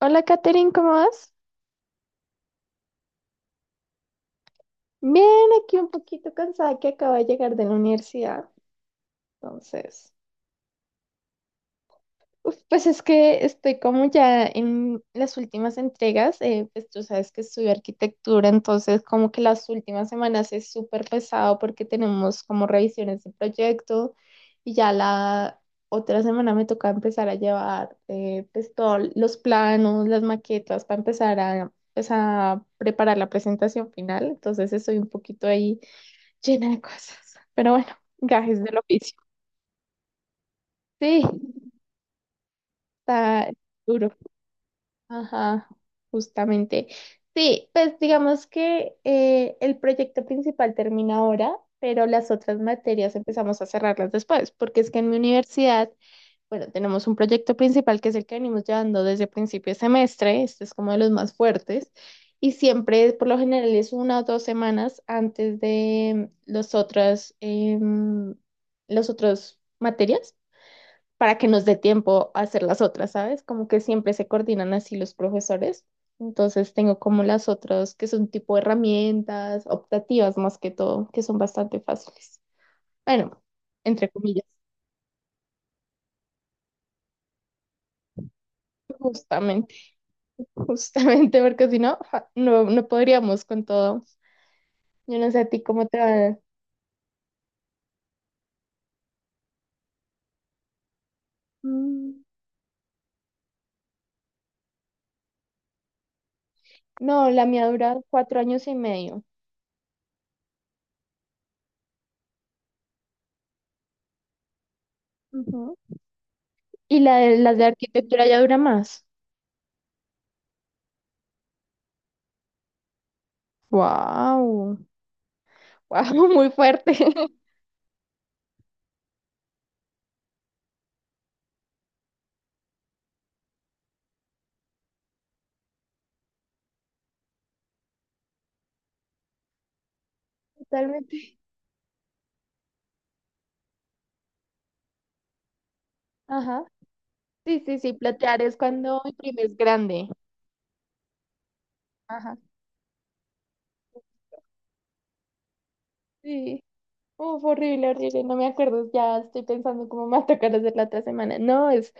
Hola, Katherine, ¿cómo vas? Bien, aquí un poquito cansada que acabo de llegar de la universidad. Entonces, uf, pues es que estoy como ya en las últimas entregas. Pues tú sabes que estudio arquitectura, entonces como que las últimas semanas es súper pesado porque tenemos como revisiones de proyecto y ya la otra semana me toca empezar a llevar pues todos los planos, las maquetas para empezar a, pues, a preparar la presentación final. Entonces estoy un poquito ahí llena de cosas. Pero bueno, gajes del oficio. Sí, está duro. Ajá, justamente. Sí, pues digamos que el proyecto principal termina ahora, pero las otras materias empezamos a cerrarlas después, porque es que en mi universidad, bueno, tenemos un proyecto principal que es el que venimos llevando desde principio de semestre, este es como de los más fuertes, y siempre, por lo general, es una o dos semanas antes de los otras, los otros materias, para que nos dé tiempo a hacer las otras, ¿sabes? Como que siempre se coordinan así los profesores. Entonces tengo como las otras que son tipo herramientas optativas más que todo, que son bastante fáciles. Bueno, entre comillas, justamente justamente porque si no, ja, no, no podríamos con todo. Yo no sé a ti cómo te va. Mm, no, la mía dura 4 años y medio. Ujú. Y la de, las de arquitectura ya dura más. Wow, wow, muy fuerte. Totalmente. Ajá. Sí, sí, sí, platear es cuando imprimes grande. Ajá. Sí. Uf, horrible, horrible. No me acuerdo. Ya estoy pensando cómo me va a tocar hacer la otra semana. No, es,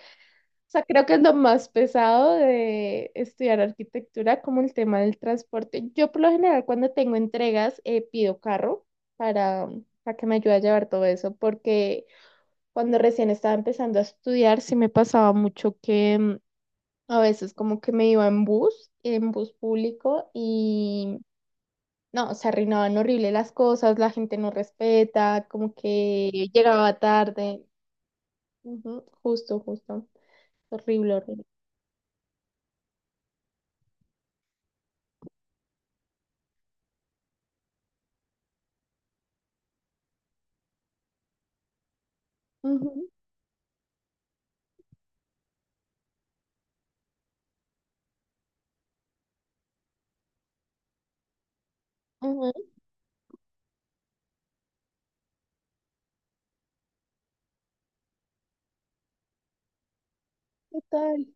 o sea, creo que es lo más pesado de estudiar arquitectura, como el tema del transporte. Yo por lo general cuando tengo entregas pido carro para, para que me ayude a llevar todo eso, porque cuando recién estaba empezando a estudiar sí me pasaba mucho que a veces como que me iba en bus público y no, se arruinaban horrible las cosas, la gente no respeta, como que llegaba tarde. Ujú, justo, justo. Horrible, horrible. Ujú, ujú. Total.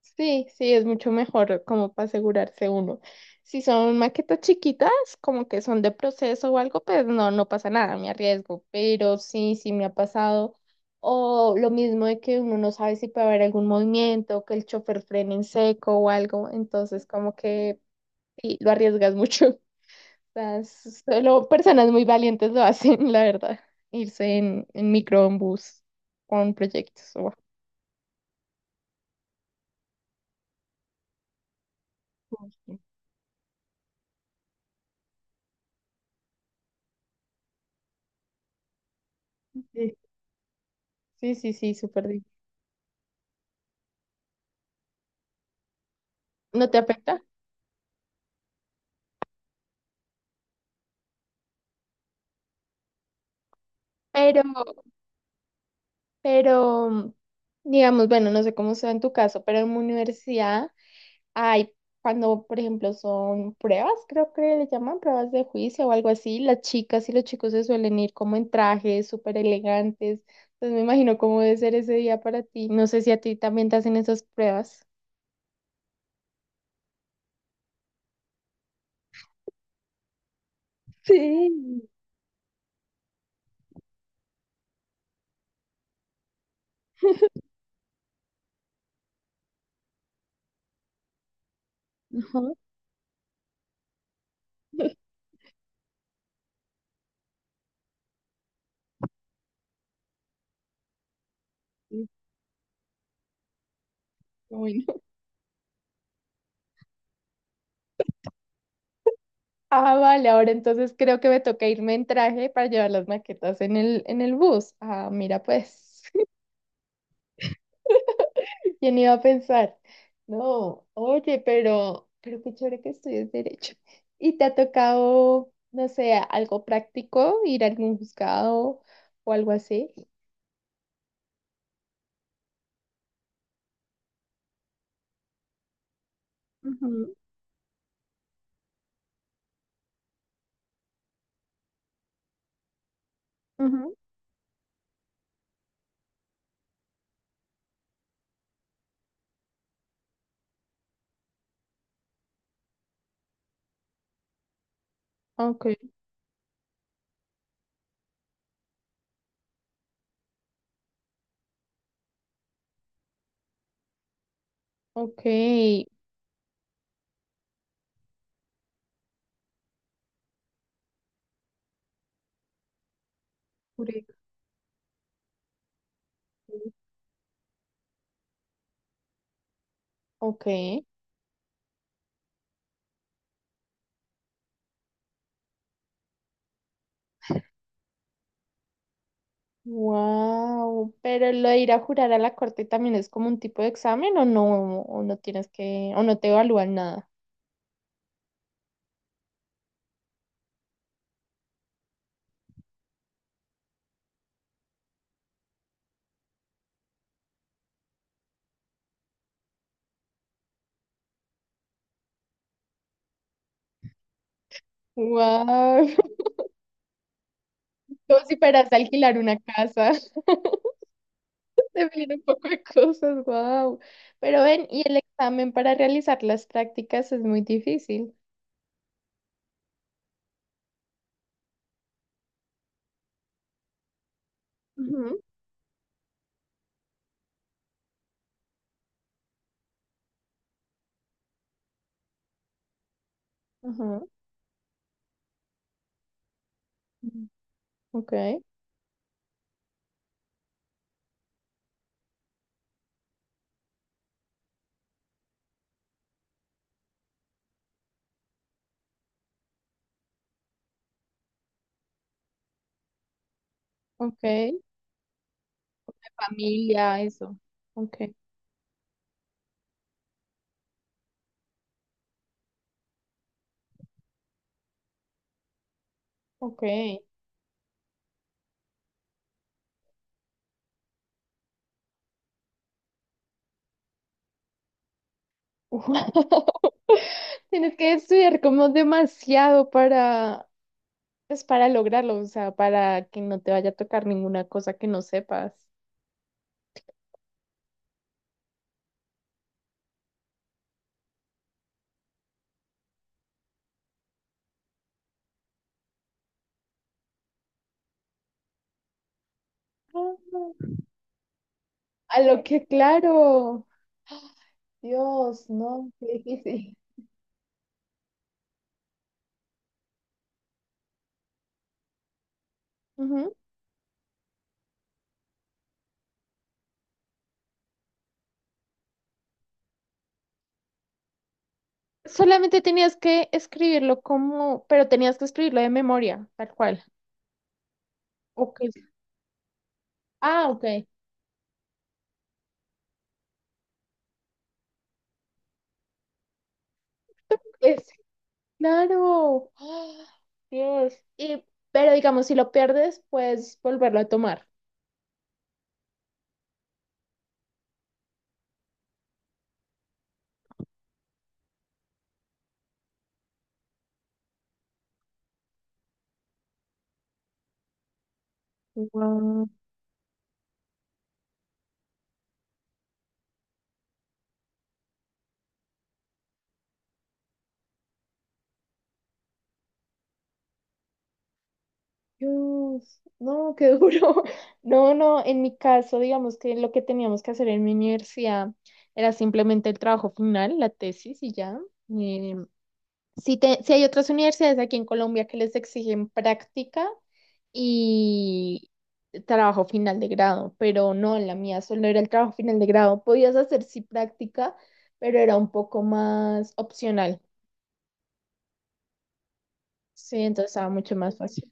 Sí, sí, es mucho mejor como para asegurarse uno. Si son maquetas chiquitas, como que son de proceso o algo, pues no, no pasa nada, me arriesgo. Pero sí, sí me ha pasado. O lo mismo de que uno no sabe si puede haber algún movimiento, que el chofer frene en seco o algo. Entonces, como que sí, lo arriesgas mucho. Las, solo personas muy valientes lo hacen, la verdad. Irse en micro, en bus, con proyectos. O sí. Sí, sí, sí, súper. No te afecta, pero, pero, digamos, bueno, no sé cómo sea en tu caso, pero en mi universidad hay, cuando, por ejemplo, son pruebas, creo que le llaman pruebas de juicio o algo así, las chicas y los chicos se suelen ir como en trajes súper elegantes, entonces me imagino cómo debe ser ese día para ti, no sé si a ti también te hacen esas pruebas. Sí. Ajá. Sí, bueno. Ah, vale, ahora entonces creo que me toca irme en traje para llevar las maquetas en el bus. Ah, mira pues. ¿Quién iba a pensar? No, oye, pero qué chévere que estudies derecho. ¿Y te ha tocado, no sé, algo práctico, ir a algún juzgado o algo así? Ujú, ujú. Ok, ok, correcto. Ok. Wow, pero lo de ir a jurar a la corte también es como un tipo de examen o no tienes que, o no te evalúan nada. Wow, como si fueras a alquilar una casa. Definir un poco de cosas, wow. Pero ven, y el examen para realizar las prácticas es muy difícil. Ujú, ajá. Mm. Ok, ok. Familia, eso. Ok, ok. Wow. Tienes que estudiar como demasiado para, pues para lograrlo, o sea, para que no te vaya a tocar ninguna cosa que no sepas. Ah, a lo que, claro. Dios, no, qué difícil. Solamente tenías que escribirlo como, pero tenías que escribirlo de memoria, tal cual. Ok. Ah, ok. Es, claro. ¡Ah! Dios. Y, pero digamos, si lo pierdes, puedes volverlo a tomar. Wow. Dios. No, qué duro. No, no, en mi caso, digamos que lo que teníamos que hacer en mi universidad era simplemente el trabajo final, la tesis y ya. Eh, Si, te- si hay otras universidades aquí en Colombia que les exigen práctica y trabajo final de grado, pero no, en la mía solo era el trabajo final de grado. Podías hacer sí práctica, pero era un poco más opcional. Sí, entonces estaba mucho más fácil.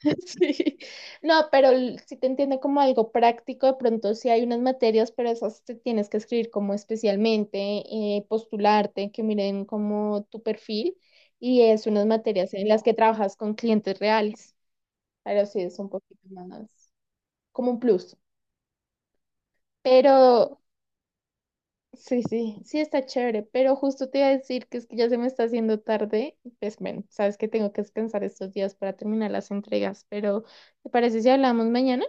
Sí. No, pero l- sí te entiende como algo práctico, de pronto sí hay unas materias, pero esas te tienes que escribir como especialmente, postularte, que miren como tu perfil y es unas materias en las que trabajas con clientes reales, pero sí es un poquito más como un plus, pero sí, sí, sí está chévere, pero justo te iba a decir que es que ya se me está haciendo tarde, pues bueno, sabes que tengo que descansar estos días para terminar las entregas, pero ¿te parece si hablamos mañana?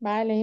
Vale.